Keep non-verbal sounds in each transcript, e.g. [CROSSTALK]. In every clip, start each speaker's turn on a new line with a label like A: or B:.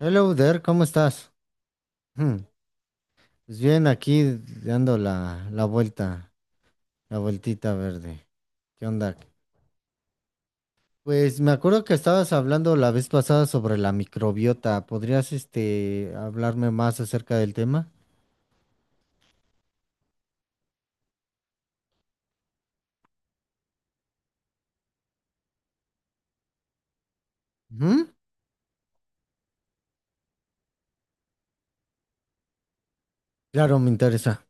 A: Hello there, ¿cómo estás? Hmm, pues bien, aquí dando la vuelta, la vueltita verde. ¿Qué onda? Pues me acuerdo que estabas hablando la vez pasada sobre la microbiota. ¿Podrías, hablarme más acerca del tema? Ujú. Claro, me interesa.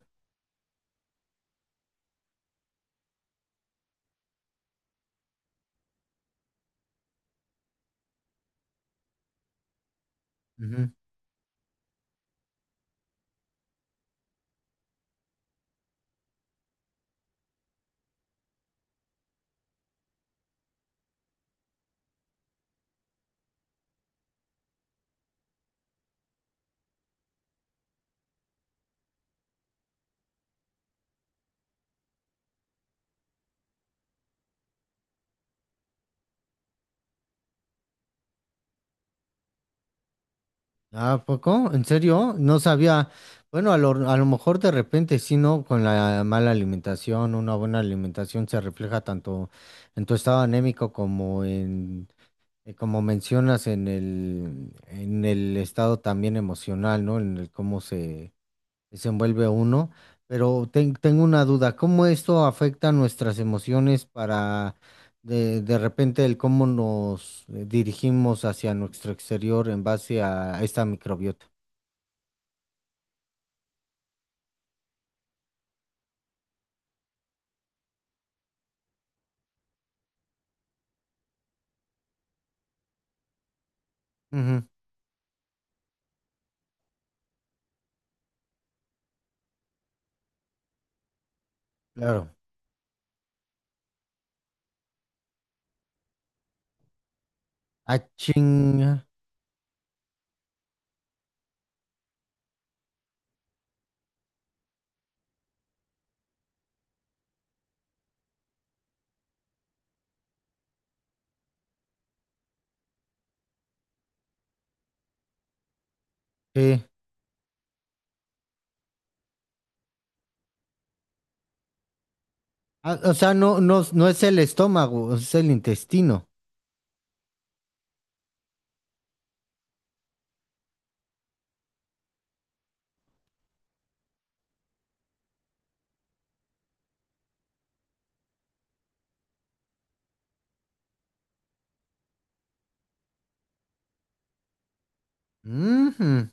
A: Ujú. ¿Ah, a poco? ¿En serio? No sabía. Bueno, a lo mejor de repente sí, ¿no? Con la mala alimentación, una buena alimentación se refleja tanto en tu estado anémico como en... Y como mencionas en el estado también emocional, ¿no? En el cómo se desenvuelve uno. Pero tengo una duda, ¿cómo esto afecta nuestras emociones para de repente el cómo nos dirigimos hacia nuestro exterior en base a esta microbiota? Ujú, claro. Ah, chinga. Sí. Ah, o sea, no es el estómago, es el intestino. Ujú.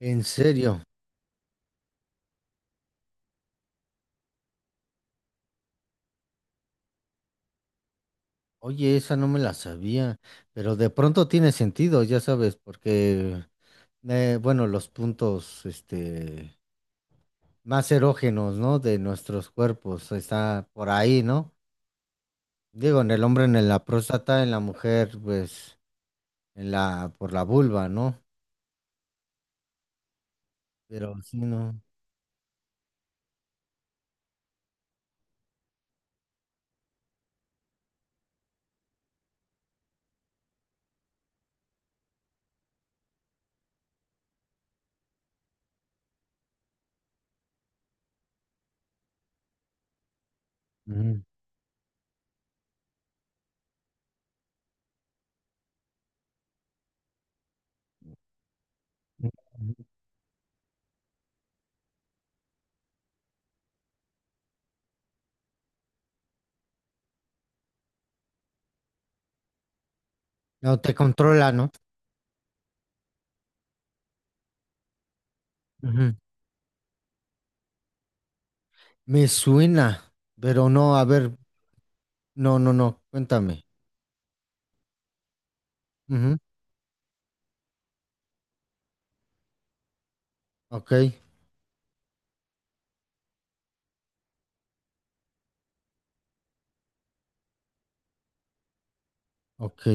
A: En serio. Oye, esa no me la sabía, pero de pronto tiene sentido, ya sabes, porque, bueno, los puntos, más erógenos, ¿no? De nuestros cuerpos, está por ahí, ¿no? Digo, en el hombre, en la próstata, en la mujer, pues, en por la vulva, ¿no? Pero sí, no. Ujú. No te controla, ¿no? Ujú. Me suena, pero no, a ver, no, cuéntame. Ujú. Ok, ok.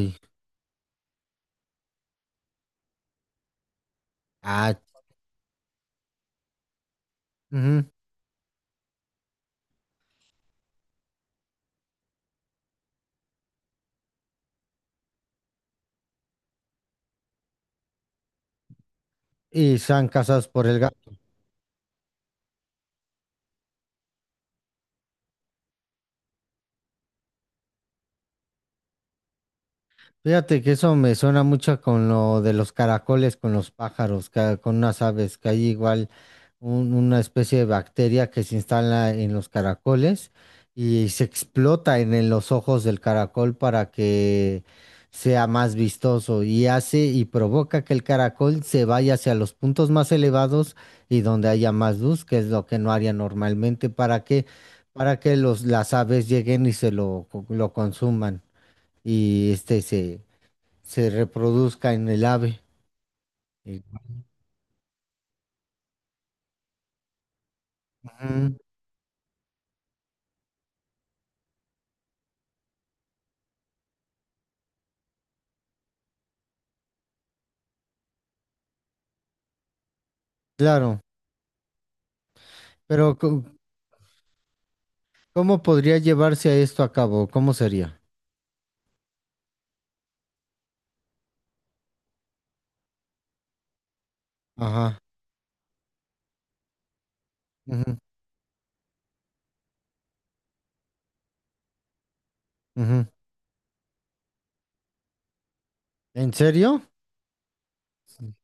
A: Ah, ujú. Y sean casados por el gato. Fíjate que eso me suena mucho con lo de los caracoles, con los pájaros, con unas aves, que hay igual una especie de bacteria que se instala en los caracoles y se explota en los ojos del caracol para que sea más vistoso y hace y provoca que el caracol se vaya hacia los puntos más elevados y donde haya más luz, que es lo que no haría normalmente, para que las aves lleguen y se lo consuman y este se se reproduzca en el ave. Y- Ujú, claro, pero ¿cómo podría llevarse esto a cabo? ¿Cómo sería? Ajá. Ujú, ujú. ¿En serio? Sí,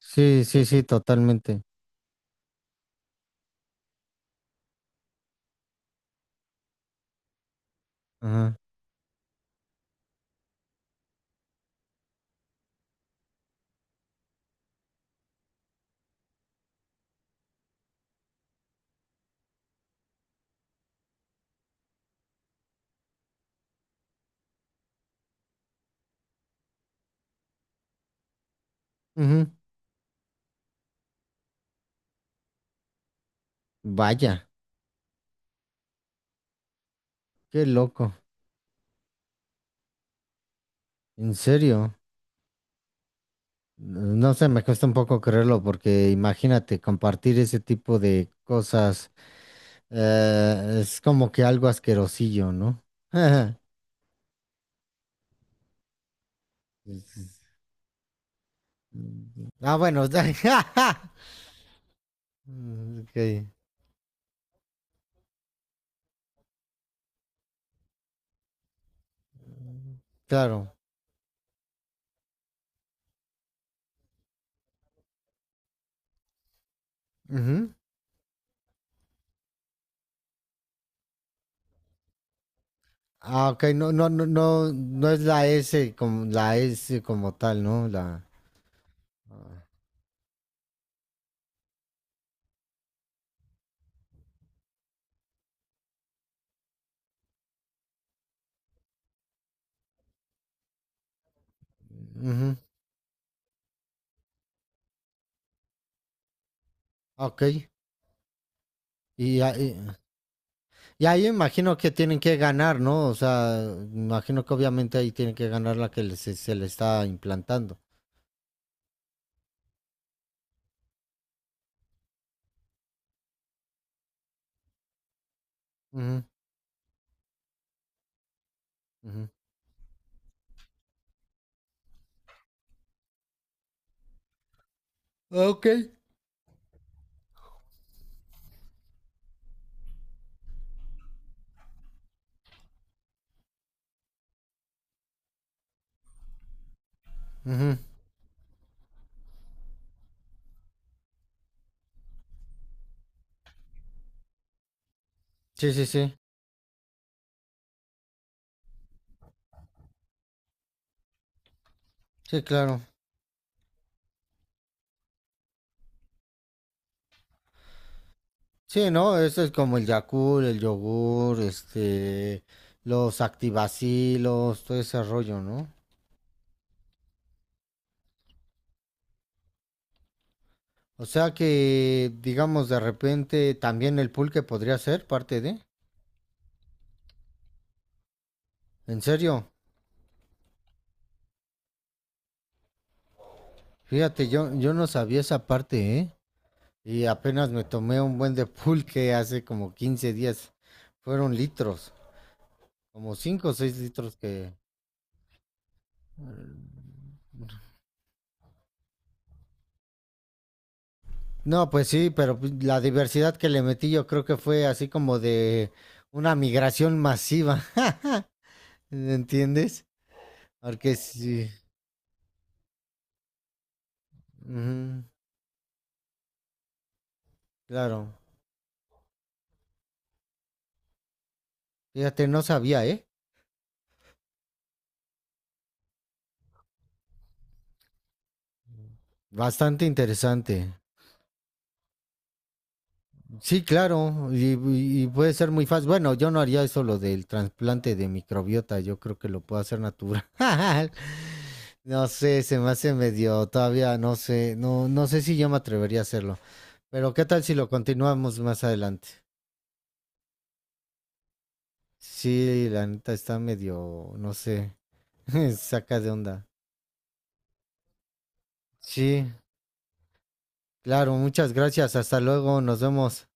A: sí, sí, sí, totalmente. Ajá. Ujú. Vaya, qué loco. En serio. No sé, me cuesta un poco creerlo porque imagínate compartir ese tipo de cosas. Es como que algo asquerosillo, ¿no? [LAUGHS] Ah, bueno. [LAUGHS] Mm, ok, claro. Ujú. Ah, ok, no es la S como tal, ¿no? La. Ujú. Ok. Y, ahí- y ahí imagino que tienen que ganar, ¿no? O sea, imagino que obviamente ahí tienen que ganar la se, se le está implantando. Ujú, ujú. Ok. Ujú. Sí, sí, sí. Sí, claro. Sí, ¿no? Eso es como el Yakult, el yogur, los activacilos, todo ese rollo, ¿no? O sea que, digamos, de repente también el pulque podría ser parte de. En serio, fíjate, yo no sabía esa parte, ¿eh? Y apenas me tomé un buen de pulque hace como 15 días. Fueron litros, como 5 o 6 litros que... No, pues sí, pero pues la diversidad que le metí yo creo que fue así como de una migración masiva. [LAUGHS] ¿Entiendes? Porque sí. Ujú, claro. Fíjate, no sabía, ¿eh? Bastante interesante. Sí, claro, y puede ser muy fácil. Bueno, yo no haría eso lo del trasplante de microbiota, yo creo que lo puedo hacer natural. [LAUGHS] No sé, se me hace medio, todavía no sé, no sé si yo me atrevería a hacerlo. Pero qué tal si lo continuamos más adelante. Sí, la neta está medio, no sé, [LAUGHS] saca de onda. Sí, claro, muchas gracias, hasta luego, nos vemos.